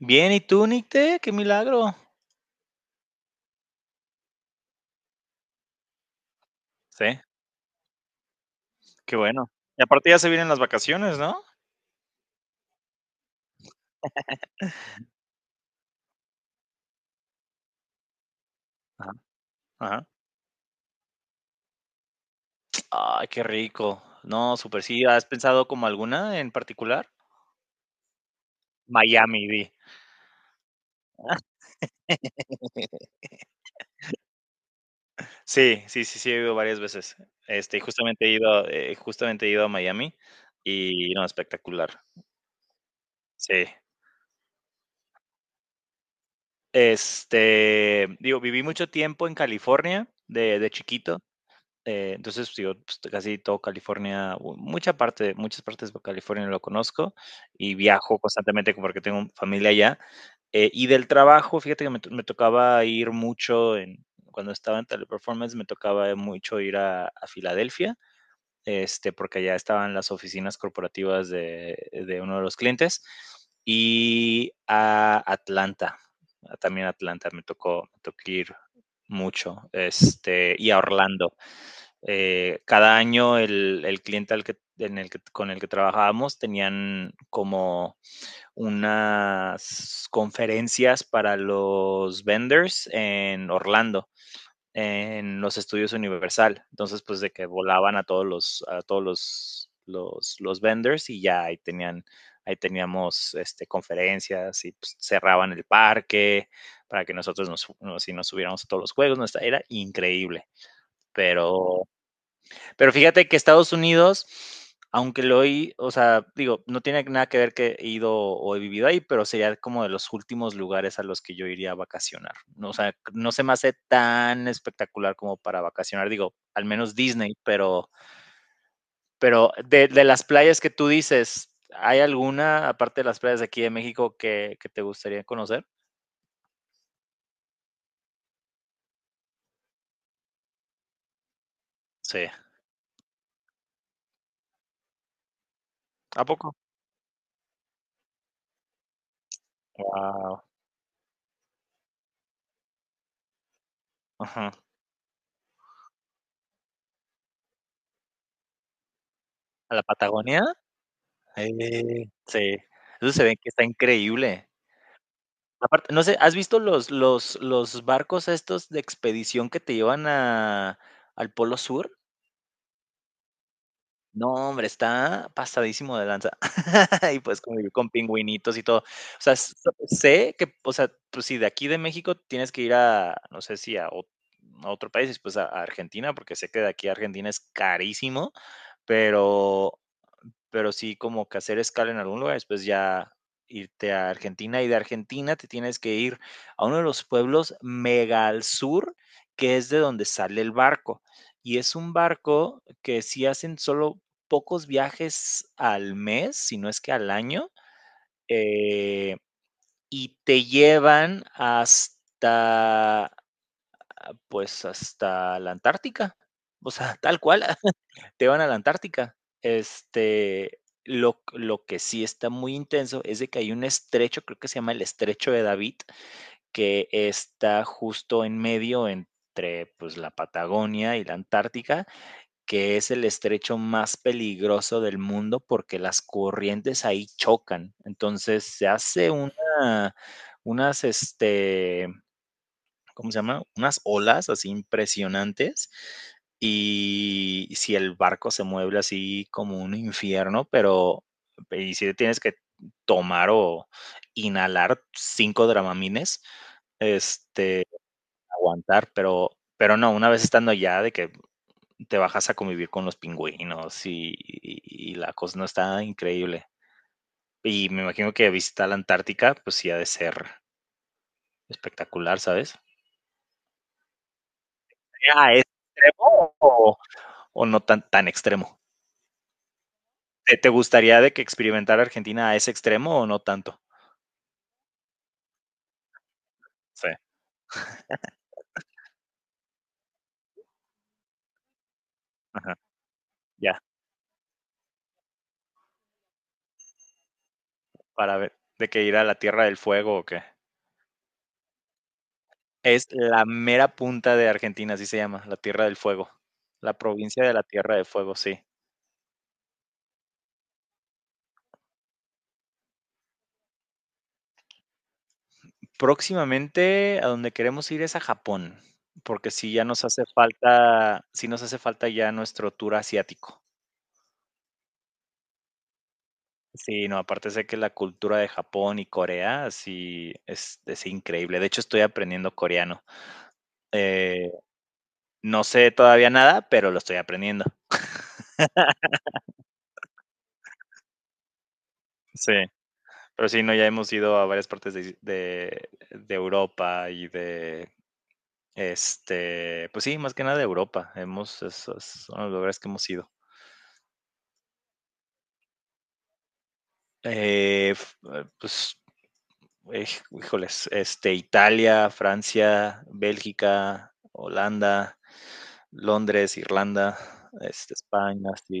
Bien, ¿y tú, Nicte? Qué milagro. Sí, qué bueno. Y aparte ya se vienen las vacaciones, ¿no? Ajá, ajá. Ay, qué rico. No, súper sí. ¿Has pensado como alguna en particular? Miami, vi. Sí, sí, sí, sí, he ido varias veces. Y justamente he justamente he ido a Miami y no, espectacular. Sí. Digo, viví mucho tiempo en California de chiquito. Entonces, pues, digo, pues, casi todo California, mucha parte, muchas partes de California lo conozco y viajo constantemente porque tengo familia allá. Y del trabajo, fíjate que me tocaba ir cuando estaba en Teleperformance, me tocaba mucho ir a Filadelfia, porque allá estaban las oficinas corporativas de uno de los clientes, y a Atlanta, también Atlanta, me tocó ir mucho, y a Orlando. Cada año el cliente al que, en el que, con el que trabajábamos tenían como unas conferencias para los vendors en Orlando, en los estudios Universal. Entonces, pues de que volaban a todos los vendors y ya ahí ahí teníamos conferencias y pues, cerraban el parque para que nosotros nos, nos, si nos subiéramos a todos los juegos. Nuestra, era increíble, pero fíjate que Estados Unidos, aunque lo he, o sea, digo, no tiene nada que ver que he ido o he vivido ahí, pero sería como de los últimos lugares a los que yo iría a vacacionar. No, o sea, no se me hace tan espectacular como para vacacionar, digo, al menos Disney, pero, de las playas que tú dices, ¿hay alguna, aparte de las playas de aquí de México, que te gustaría conocer? Sí. ¿A poco? Wow. ¿A la Patagonia? Sí. Eso se ve que está increíble. Aparte, no sé, ¿has visto los barcos estos de expedición que te llevan a al Polo Sur? No, hombre, está pasadísimo de lanza. Y, pues, como con pingüinitos y todo. O sea, s sé que, o sea, pues, si de aquí de México tienes que ir no sé si a otro país, después a Argentina, porque sé que de aquí a Argentina es carísimo, pero sí como que hacer escala en algún lugar, después ya irte a Argentina y de Argentina te tienes que ir a uno de los pueblos mega al sur, que es de donde sale el barco. Y es un barco que sí hacen solo pocos viajes al mes, si no es que al año, eh, y te llevan hasta, pues, hasta la Antártica. O sea, tal cual te van a la Antártica. Lo que sí está muy intenso es de que hay un estrecho, creo que se llama el estrecho de David, que está justo en medio entre pues, la Patagonia y la Antártica, que es el estrecho más peligroso del mundo porque las corrientes ahí chocan. Entonces se hace unas, este, ¿cómo se llama? Unas olas así impresionantes. Y si el barco se mueve así como un infierno, y si tienes que tomar o inhalar 5 Dramamines, este, aguantar, pero no, una vez estando allá de que te bajas a convivir con los pingüinos y la cosa no, está increíble. Y me imagino que visitar la Antártica, pues sí ha de ser espectacular, ¿sabes? ¿Sería extremo o no tan, tan extremo? Te gustaría de que experimentara Argentina a ese extremo o no tanto? Sí. Ajá. Ya, para ver, de que ir a la Tierra del Fuego o qué. Es la mera punta de Argentina, así se llama, la Tierra del Fuego. La provincia de la Tierra del Fuego, sí. Próximamente a donde queremos ir es a Japón, porque sí ya nos hace falta, sí nos hace falta ya nuestro tour asiático. Sí, no, aparte sé que la cultura de Japón y Corea sí es increíble. De hecho, estoy aprendiendo coreano. Eh, no sé todavía nada, pero lo estoy aprendiendo. Sí, pero sí, no, ya hemos ido a varias partes de Europa pues sí, más que nada de Europa. Hemos, esos son los lugares que hemos ido. Eh, f- eh, pues, híjoles, Italia, Francia, Bélgica, Holanda, Londres, Irlanda, España, sí,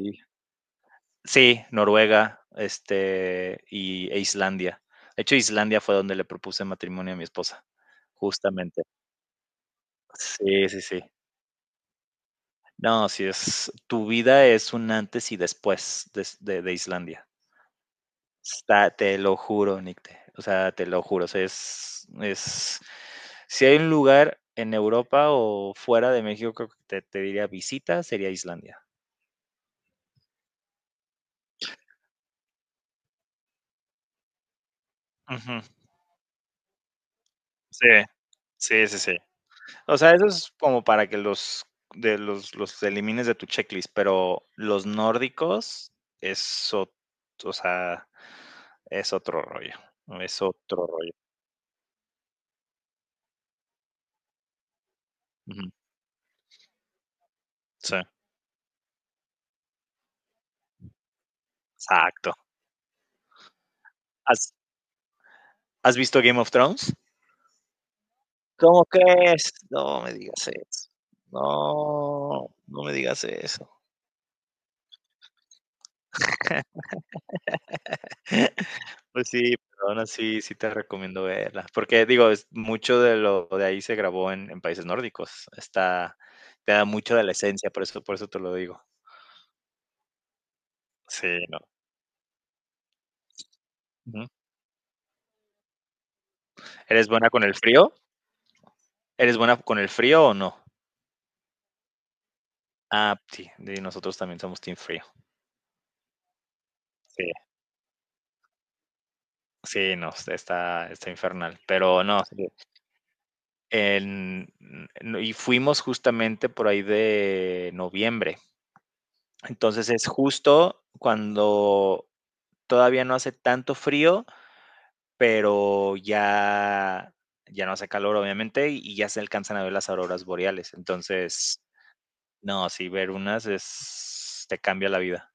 Sí, Noruega, e Islandia. De hecho, Islandia fue donde le propuse matrimonio a mi esposa, justamente. Sí, sí, sí. No, sí es, tu vida es un antes y de Islandia. Está, te lo juro, Nicte. O sea, te lo juro. O sea, es, si hay un lugar en Europa o fuera de México te diría visita, sería Islandia. Ujú, sí, sí, sí, sí. O sea, eso es como para que los elimines de tu checklist, pero los nórdicos es ot o sea, es otro rollo, es otro rollo. Ujú, sí, exacto. ¿Has has visto Game of Thrones? ¿Cómo crees? No me digas eso. No, no me digas eso. Pues sí, pero aún así sí te recomiendo verla, porque digo, es mucho de lo de ahí se grabó en países nórdicos. Está te da mucho de la esencia, por eso te lo digo. Sí, no. Ujú. ¿Eres buena con el frío? ¿Eres buena con el frío o no? Ah, sí, y nosotros también somos team frío. Sí, sí, no, está infernal, pero no, sí, en no, y fuimos justamente por ahí de noviembre. Entonces, es justo cuando todavía no hace tanto frío, pero ya, ya no hace calor, obviamente, y ya se alcanzan a ver las auroras boreales. Entonces, no, sí, ver unas es, te cambia la vida.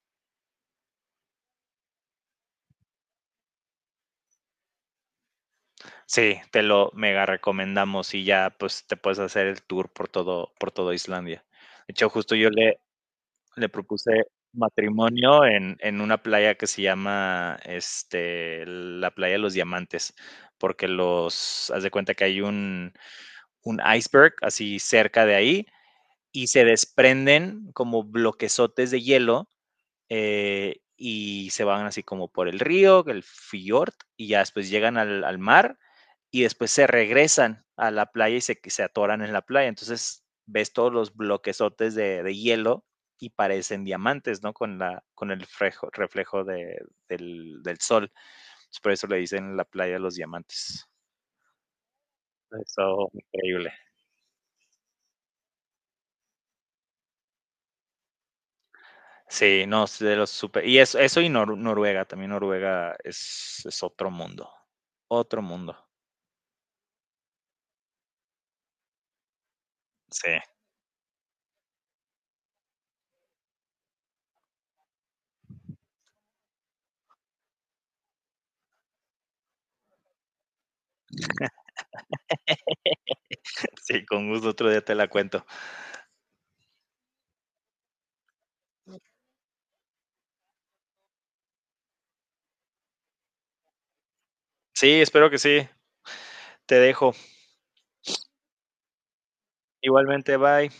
Sí, te lo mega recomendamos y ya pues te puedes hacer el tour por todo Islandia. De hecho, le propuse matrimonio en una playa que se llama la playa de los diamantes, porque los, haz de cuenta que hay un iceberg así cerca de ahí y se desprenden como bloquezotes de hielo y se van así como por el río, el fiord y ya después llegan al mar y después se regresan a la playa y se atoran en la playa. Entonces ves todos los bloquezotes de hielo y parecen diamantes, ¿no? Con el reflejo del sol. Por eso le dicen la playa de los diamantes. Eso, increíble. Sí, no, es de los super. Y eso y Noruega, también Noruega es otro mundo. Otro mundo. Sí, sí, con gusto otro día te la cuento. Sí, espero que sí. Te dejo. Igualmente, bye.